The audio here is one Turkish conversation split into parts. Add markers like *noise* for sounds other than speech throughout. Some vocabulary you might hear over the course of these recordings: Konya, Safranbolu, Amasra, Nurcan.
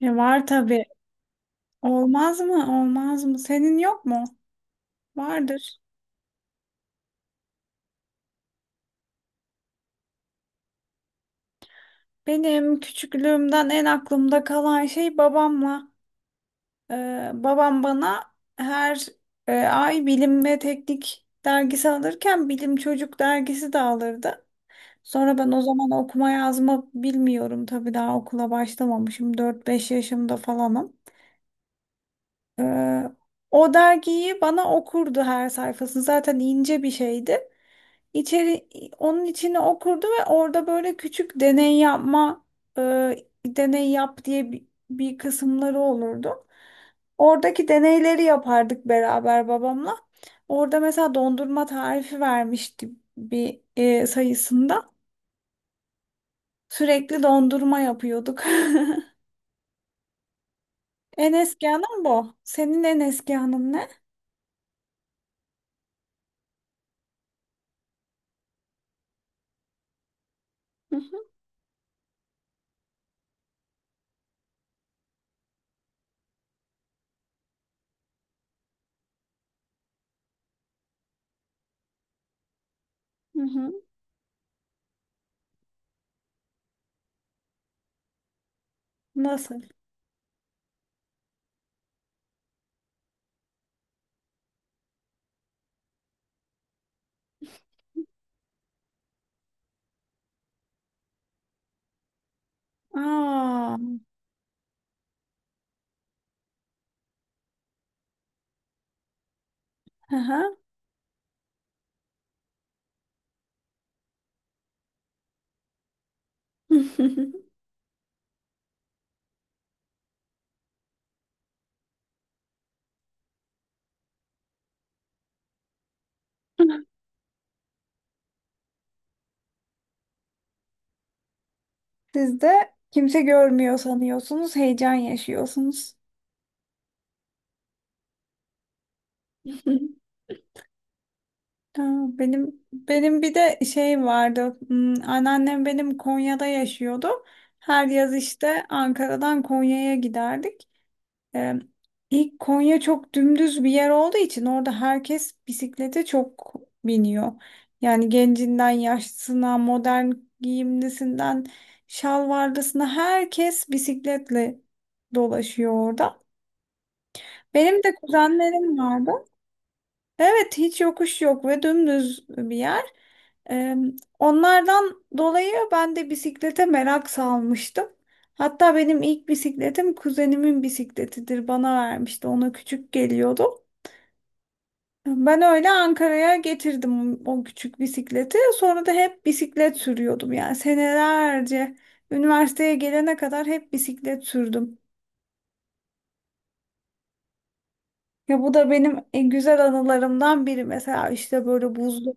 E var tabii. Olmaz mı? Olmaz mı? Senin yok mu? Vardır. Benim küçüklüğümden en aklımda kalan şey babamla. Babam bana her ay bilim ve teknik dergisi alırken bilim çocuk dergisi de alırdı. Sonra ben o zaman okuma yazma bilmiyorum tabii, daha okula başlamamışım, dört beş yaşımda falanım. Ee, O dergiyi bana okurdu, her sayfasını. Zaten ince bir şeydi. İçeri, Onun içine okurdu ve orada böyle küçük deney yapma, e, deney yap diye bir kısımları olurdu. Oradaki deneyleri yapardık beraber babamla. Orada mesela dondurma tarifi vermişti bir sayısında. Sürekli dondurma yapıyorduk. *laughs* En eski anım bu. Senin en eski anın ne? Hı hı hı. Hı. Nasıl? Aa, hı hı. *laughs* Siz de kimse görmüyor sanıyorsunuz, heyecan yaşıyorsunuz. *laughs* Ha, benim bir de şeyim vardı. Anneannem benim Konya'da yaşıyordu. Her yaz işte Ankara'dan Konya'ya giderdik. Ee, ilk Konya çok dümdüz bir yer olduğu için orada herkes bisiklete çok biniyor. Yani gencinden yaşlısına, modern giyimlisinden şalvarlısına herkes bisikletle dolaşıyor orada. Benim de kuzenlerim vardı. Evet, hiç yokuş yok ve dümdüz bir yer. Ee, Onlardan dolayı ben de bisiklete merak salmıştım. Hatta benim ilk bisikletim kuzenimin bisikletidir. Bana vermişti. Ona küçük geliyordu. Ben öyle Ankara'ya getirdim o küçük bisikleti. Sonra da hep bisiklet sürüyordum. Yani senelerce, üniversiteye gelene kadar hep bisiklet sürdüm. Ya bu da benim en güzel anılarımdan biri. Mesela işte böyle buzlu.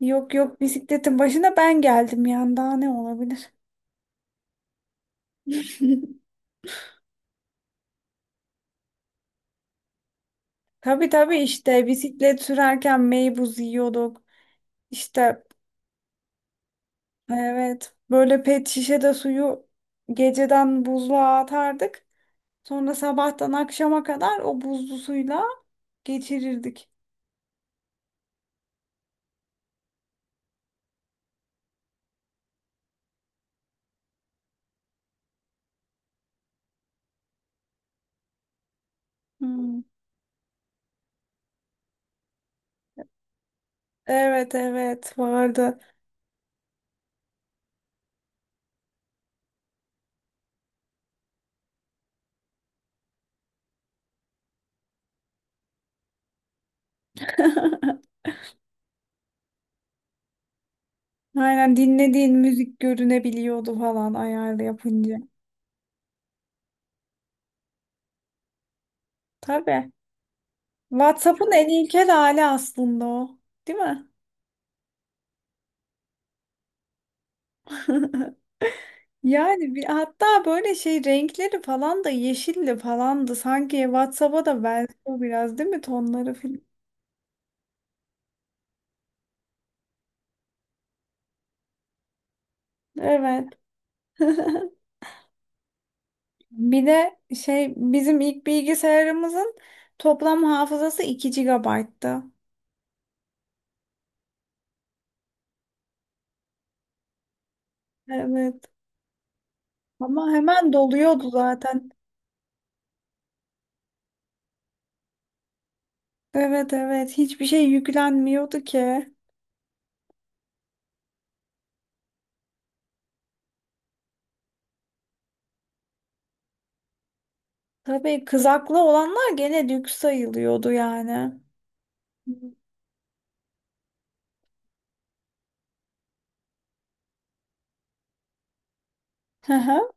Yok, yok, bisikletin başına ben geldim, yani daha ne olabilir? *laughs* Tabii, tabii, işte bisiklet sürerken meybuz yiyorduk. İşte, evet, böyle pet şişede suyu geceden buzluğa atardık. Sonra sabahtan akşama kadar o buzlu suyla geçirirdik. Hmm. Evet, evet, vardı. *laughs* Aynen, dinlediğin müzik görünebiliyordu falan, ayarlı yapınca. Tabii. WhatsApp'ın en ilkel hali aslında o. Değil mi? *laughs* Yani hatta böyle şey, renkleri falan da yeşilli falan da, sanki WhatsApp'a da benziyor biraz değil mi, tonları falan? Evet. *laughs* Bir de şey, bizim ilk bilgisayarımızın toplam hafızası 2 GB'tı. Evet. Ama hemen doluyordu zaten. Evet, evet, hiçbir şey yüklenmiyordu ki. Tabii kızaklı olanlar gene lüks sayılıyordu yani. Hı hı.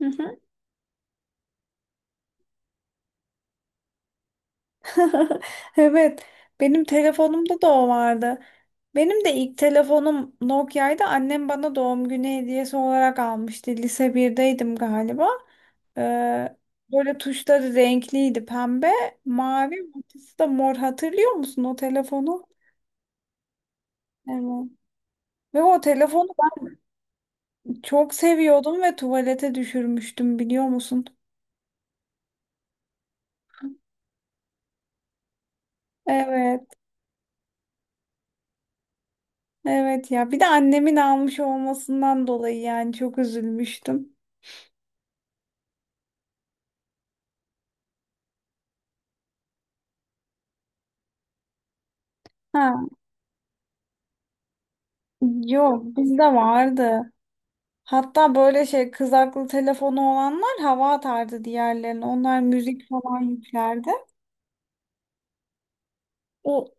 Hı hı. *laughs* Evet, benim telefonumda da o vardı. Benim de ilk telefonum Nokia'ydı. Annem bana doğum günü hediyesi olarak almıştı. Lise birdeydim galiba. Ee, Böyle tuşları renkliydi. Pembe, mavi, ortası da mor. Hatırlıyor musun o telefonu? Evet. Ve o telefonu ben çok seviyordum ve tuvalete düşürmüştüm, biliyor musun? Evet, evet ya. Bir de annemin almış olmasından dolayı yani çok üzülmüştüm. Ha. Yok, bizde vardı. Hatta böyle şey, kızaklı telefonu olanlar hava atardı diğerlerine. Onlar müzik falan yüklerdi. O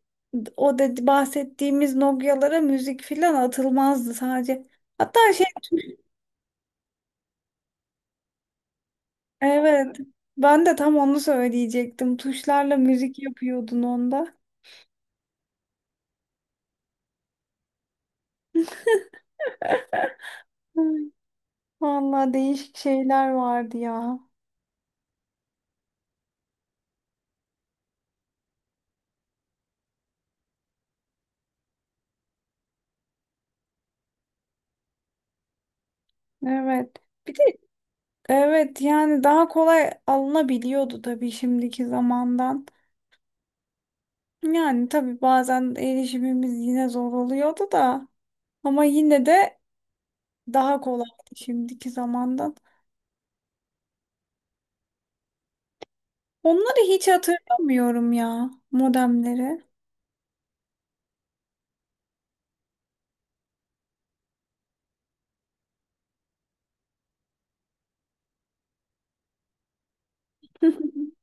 o dedi, bahsettiğimiz Nokia'lara müzik falan atılmazdı sadece. Hatta şey, evet, ben de tam onu söyleyecektim. Tuşlarla müzik yapıyordun onda. Hı, vallahi değişik şeyler vardı ya. Evet. Bir de, evet, yani daha kolay alınabiliyordu tabii şimdiki zamandan. Yani tabii bazen erişimimiz yine zor oluyordu da, ama yine de daha kolaydı şimdiki zamandan. Onları hiç hatırlamıyorum ya, modemleri. *laughs*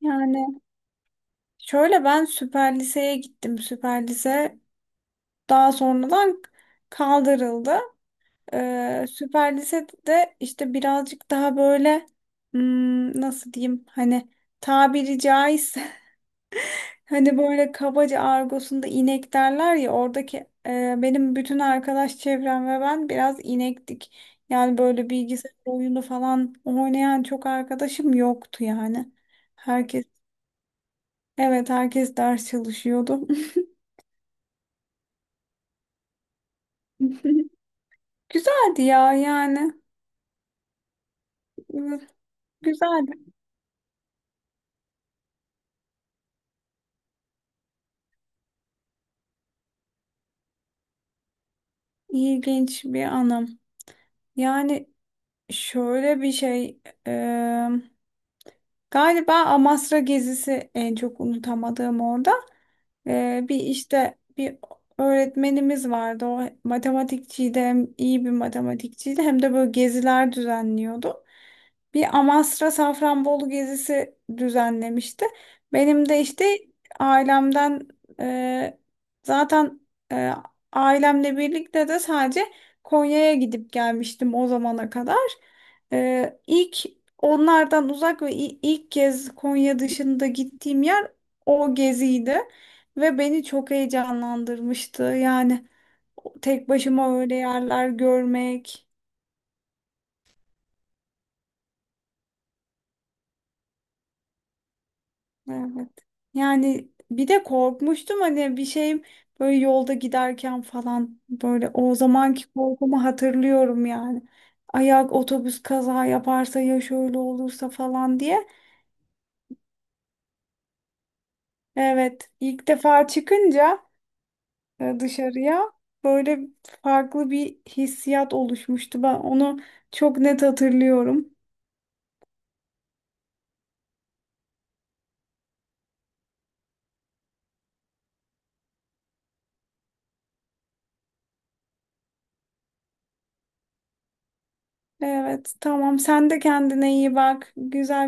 Yani şöyle, ben süper liseye gittim. Süper lise daha sonradan kaldırıldı. Süper lisede işte birazcık daha böyle, nasıl diyeyim, hani, tabiri caizse, hani böyle kabaca argosunda inek derler ya, oradaki benim bütün arkadaş çevrem ve ben biraz inektik. Yani böyle bilgisayar oyunu falan oynayan çok arkadaşım yoktu yani. Herkes, evet, herkes ders çalışıyordu. *laughs* *laughs* Güzeldi ya yani. Güzeldi. İlginç bir anım. Yani şöyle bir şey, e, galiba Amasra gezisi en çok unutamadığım, orada. Bir işte bir öğretmenimiz vardı. O matematikçiydi, hem iyi bir matematikçiydi hem de böyle geziler düzenliyordu. Bir Amasra Safranbolu gezisi düzenlemişti. Benim de işte ailemden, e, zaten e, ailemle birlikte de sadece Konya'ya gidip gelmiştim o zamana kadar. İlk onlardan uzak ve ilk kez Konya dışında gittiğim yer o geziydi. Ve beni çok heyecanlandırmıştı. Yani tek başıma öyle yerler görmek. Evet. Yani bir de korkmuştum, hani bir şeyim, böyle yolda giderken falan, böyle o zamanki korkumu hatırlıyorum yani. Ayak, otobüs kaza yaparsa ya, şöyle olursa falan diye. Evet, ilk defa çıkınca dışarıya, böyle farklı bir hissiyat oluşmuştu. Ben onu çok net hatırlıyorum. Evet, tamam. Sen de kendine iyi bak. Güzel